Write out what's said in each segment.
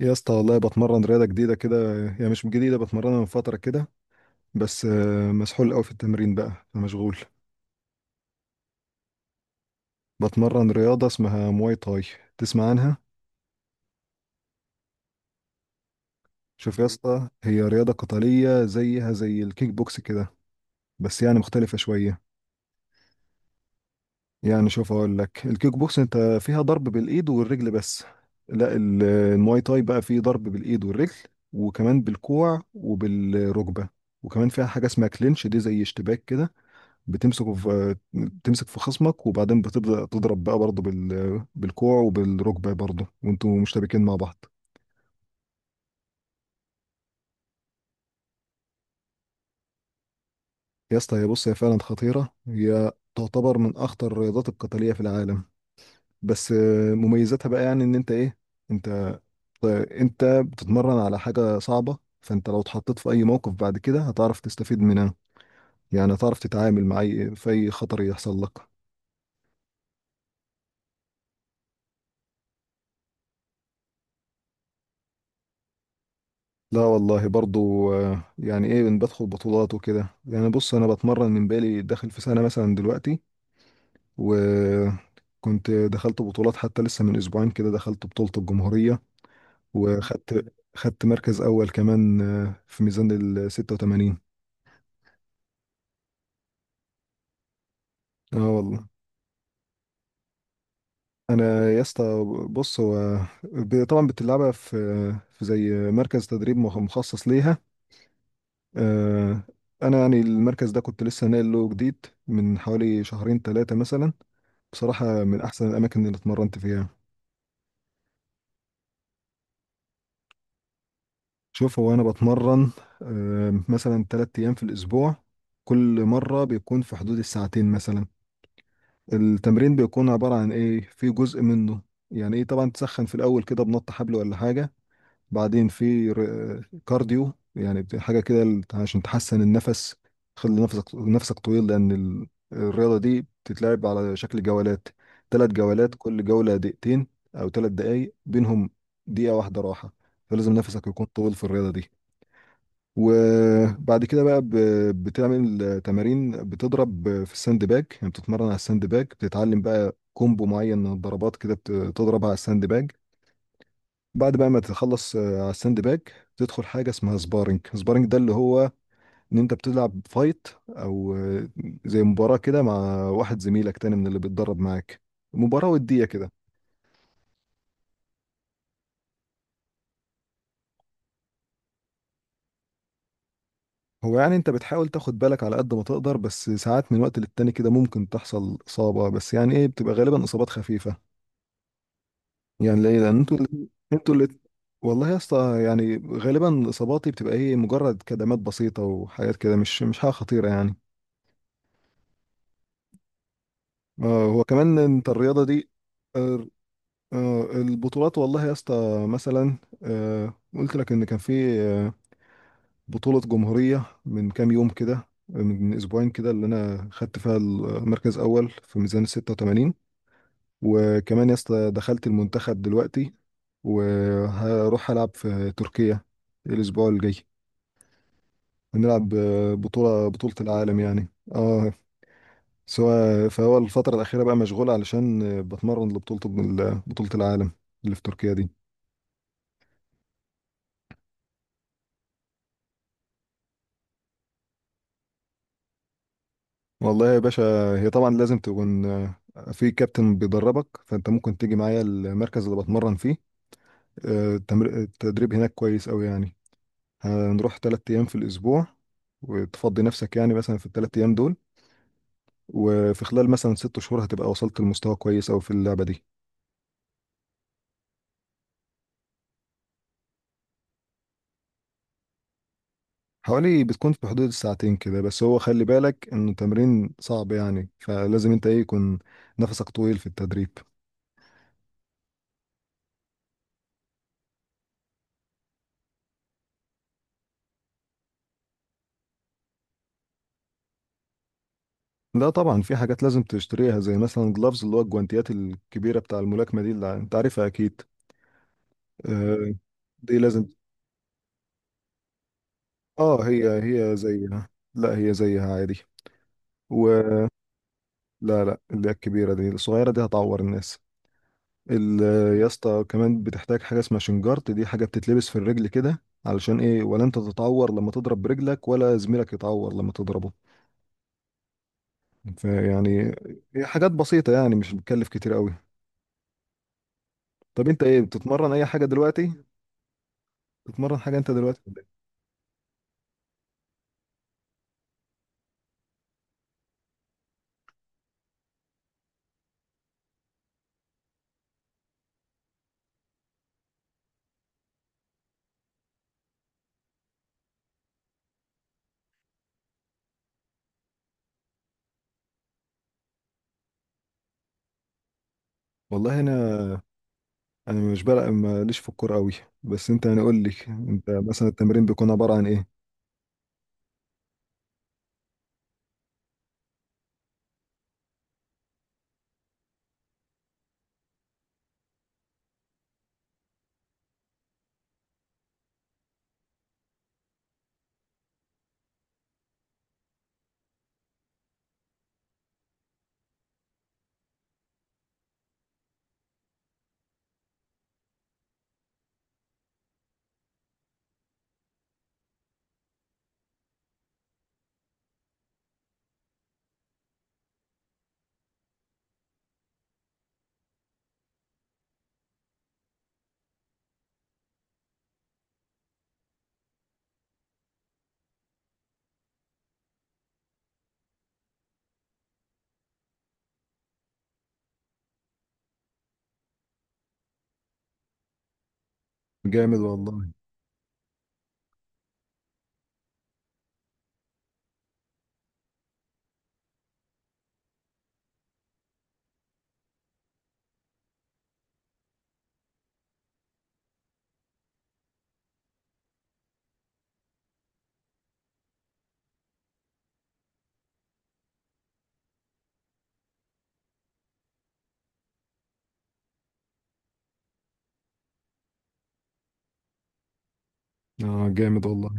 يا اسطى، والله بتمرن رياضة جديدة كده. يعني مش جديدة، بتمرنها من فترة كده. بس مسحول قوي في التمرين بقى، فمشغول. بتمرن رياضة اسمها مواي تاي. تسمع عنها؟ شوف يا اسطى، هي رياضة قتالية زيها زي الكيك بوكس كده، بس يعني مختلفة شوية. يعني شوف، اقول لك الكيك بوكس انت فيها ضرب بالإيد والرجل بس. لا، المواي تاي بقى فيه ضرب بالإيد والرجل، وكمان بالكوع وبالركبة. وكمان فيها حاجة اسمها كلينش، دي زي اشتباك كده. بتمسك في خصمك، وبعدين بتبدأ تضرب بقى برضه بالكوع وبالركبة برضه، وانتوا مشتبكين مع بعض. يا اسطى، هي بص، هي فعلا خطيرة، هي تعتبر من أخطر الرياضات القتالية في العالم. بس مميزاتها بقى، يعني إن أنت إيه، أنت أنت بتتمرن على حاجة صعبة، فأنت لو اتحطيت في أي موقف بعد كده هتعرف تستفيد منها. يعني هتعرف تتعامل مع أي في أي خطر يحصل لك. لا والله، برضو يعني ايه، بدخل بطولات وكده. يعني بص، انا بتمرن من، بالي داخل في سنة مثلا دلوقتي، وكنت دخلت بطولات. حتى لسه من اسبوعين كده دخلت بطولة الجمهورية، وخدت مركز اول كمان، في ميزان ال 86. اه والله. انا يا اسطى، بص هو طبعا بتلعبها في زي مركز تدريب مخصص ليها. آه، انا يعني المركز ده كنت لسه ناقل له جديد من حوالي شهرين ثلاثة مثلا. بصراحة من أحسن الأماكن اللي اتمرنت فيها. شوف، هو أنا بتمرن مثلا تلات أيام في الأسبوع، كل مرة بيكون في حدود الساعتين مثلا. التمرين بيكون عبارة عن إيه، في جزء منه يعني إيه، طبعا تسخن في الأول كده، بنط حبل ولا حاجة. بعدين في كارديو، يعني حاجة كده عشان تحسن النفس، تخلي نفسك طويل. لأن الرياضة دي بتتلعب على شكل جولات، ثلاث جولات، كل جولة دقيقتين أو ثلاث دقايق، بينهم دقيقة واحدة راحة. فلازم نفسك يكون طويل في الرياضة دي. وبعد كده بقى بتعمل تمارين، بتضرب في الساند باج، يعني بتتمرن على الساند باج، بتتعلم بقى كومبو معين من الضربات كده، بتضرب على الساند باج. بعد بقى ما تخلص على الساند باج، تدخل حاجه اسمها سبارنج. سبارنج ده اللي هو ان انت بتلعب فايت، او زي مباراه كده مع واحد زميلك تاني من اللي بيتدرب معاك، مباراه وديه كده. هو يعني انت بتحاول تاخد بالك على قد ما تقدر، بس ساعات من وقت للتاني كده ممكن تحصل اصابه، بس يعني ايه، بتبقى غالبا اصابات خفيفه. يعني ليه، لان انتوا الاتنين- انتوا اللي والله يا اسطى، يعني غالبا اصاباتي بتبقى ايه، مجرد كدمات بسيطه وحاجات كده، مش حاجه خطيره يعني. هو كمان انت الرياضة دي. آه، البطولات والله يا اسطى، مثلا قلت لك ان كان في بطولة جمهورية من كام يوم كده، من اسبوعين كده، اللي انا خدت فيها المركز اول في ميزان 86. وكمان يا اسطى دخلت المنتخب دلوقتي، وهروح العب في تركيا الاسبوع الجاي. هنلعب بطولة العالم يعني. اه. سواء، فهو الفترة الأخيرة بقى مشغول علشان بتمرن لبطولة بطولة العالم اللي في تركيا دي. والله يا باشا، هي طبعا لازم تكون في كابتن بيدربك، فأنت ممكن تيجي معايا المركز اللي بتمرن فيه. التدريب هناك كويس أوي يعني. هنروح تلات أيام في الأسبوع، وتفضي نفسك يعني مثلا في التلات أيام دول. وفي خلال مثلا ست شهور هتبقى وصلت لمستوى كويس أوي في اللعبة دي. حوالي بتكون في حدود الساعتين كده، بس هو خلي بالك انه تمرين صعب يعني، فلازم انت ايه، يكون نفسك طويل في التدريب. لا طبعا، في حاجات لازم تشتريها، زي مثلا جلافز، اللي هو الجوانتيات الكبيرة بتاع الملاكمة دي اللي انت عارفها اكيد. آه، دي لازم. اه، هي، هي زيها. لا هي زيها عادي، ولا لا، اللي هي الكبيرة دي. الصغيرة دي هتعور الناس. ال-. يا اسطى كمان بتحتاج حاجه اسمها شنجارت، دي حاجه بتتلبس في الرجل كده، علشان ايه، ولا انت تتعور لما تضرب برجلك، ولا زميلك يتعور لما تضربه. فيعني هي حاجات بسيطه يعني، مش بتكلف كتير قوي. طب انت ايه، بتتمرن اي حاجه دلوقتي؟ بتتمرن حاجه انت دلوقتي ولا إيه؟ والله انا، انا مش بلعب، ماليش في الكوره قوي، بس انت يعني قول لي انت مثلا التمرين بيكون عباره عن ايه. جامد والله. اه جامد والله.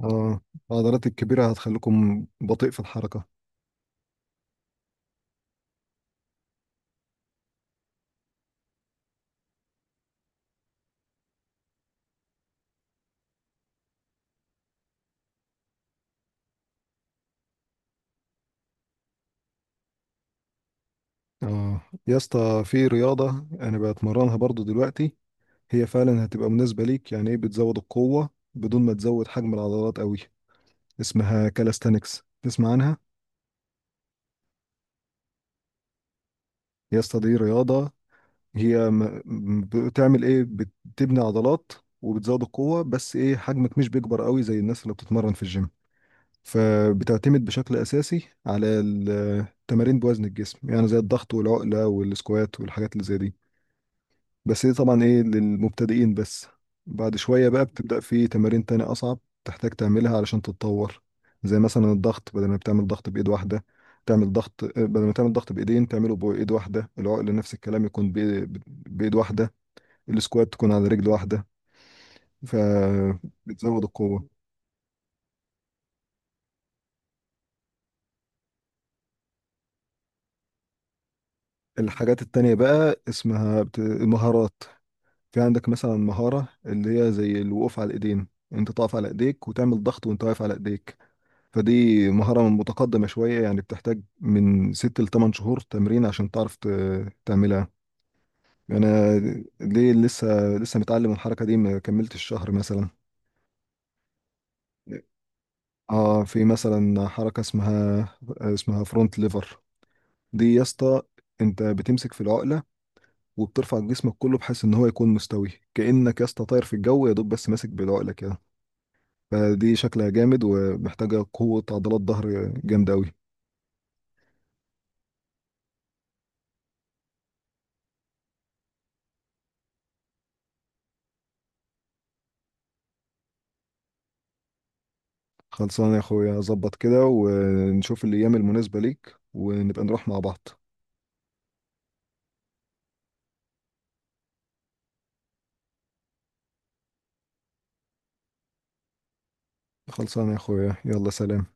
اه، العضلات الكبيره هتخليكم بطيء في الحركه. اه. يا اسطى في رياضة انا بتمرنها برضو دلوقتي، هي فعلا هتبقى مناسبة ليك، يعني ايه، بتزود القوة بدون ما تزود حجم العضلات قوي. اسمها كالستانكس. تسمع عنها؟ يا اسطى دي رياضة، هي بتعمل ايه، بتبني عضلات وبتزود القوة، بس ايه، حجمك مش بيكبر قوي زي الناس اللي بتتمرن في الجيم. فبتعتمد بشكل اساسي على التمارين بوزن الجسم، يعني زي الضغط والعقلة والسكوات والحاجات اللي زي دي. بس دي طبعا ايه، للمبتدئين بس. بعد شوية بقى بتبدأ في تمارين تانية أصعب، تحتاج تعملها علشان تتطور. زي مثلا الضغط، بدل ما بتعمل ضغط بإيد واحدة، تعمل ضغط، بدل ما تعمل ضغط بإيدين تعمله بإيد واحدة. العقل نفس الكلام، يكون بإيد واحدة. السكوات تكون على رجل واحدة. فبتزود القوة. الحاجات التانية بقى اسمها المهارات. في عندك مثلا مهارة، اللي هي زي الوقوف على الإيدين، انت تقف على ايديك وتعمل ضغط وانت واقف على ايديك. فدي مهارة متقدمة شوية يعني، بتحتاج من ست لتمن شهور تمرين عشان تعرف تعملها. أنا ليه، لسه، لسه متعلم الحركة دي، ما كملتش شهر مثلا. اه في مثلا حركة اسمها فرونت ليفر. دي يا اسطى، انت بتمسك في العقلة، وبترفع جسمك كله بحيث ان هو يكون مستوي، كأنك يا اسطى طاير في الجو، يا دوب بس ماسك بالعقلة كده. فدي شكلها جامد، ومحتاجة قوة عضلات ظهر جامدة أوي. خلصان يا اخويا، ظبط كده ونشوف الايام المناسبة ليك ونبقى نروح مع بعض. خلصان يا اخويا، يلا سلام.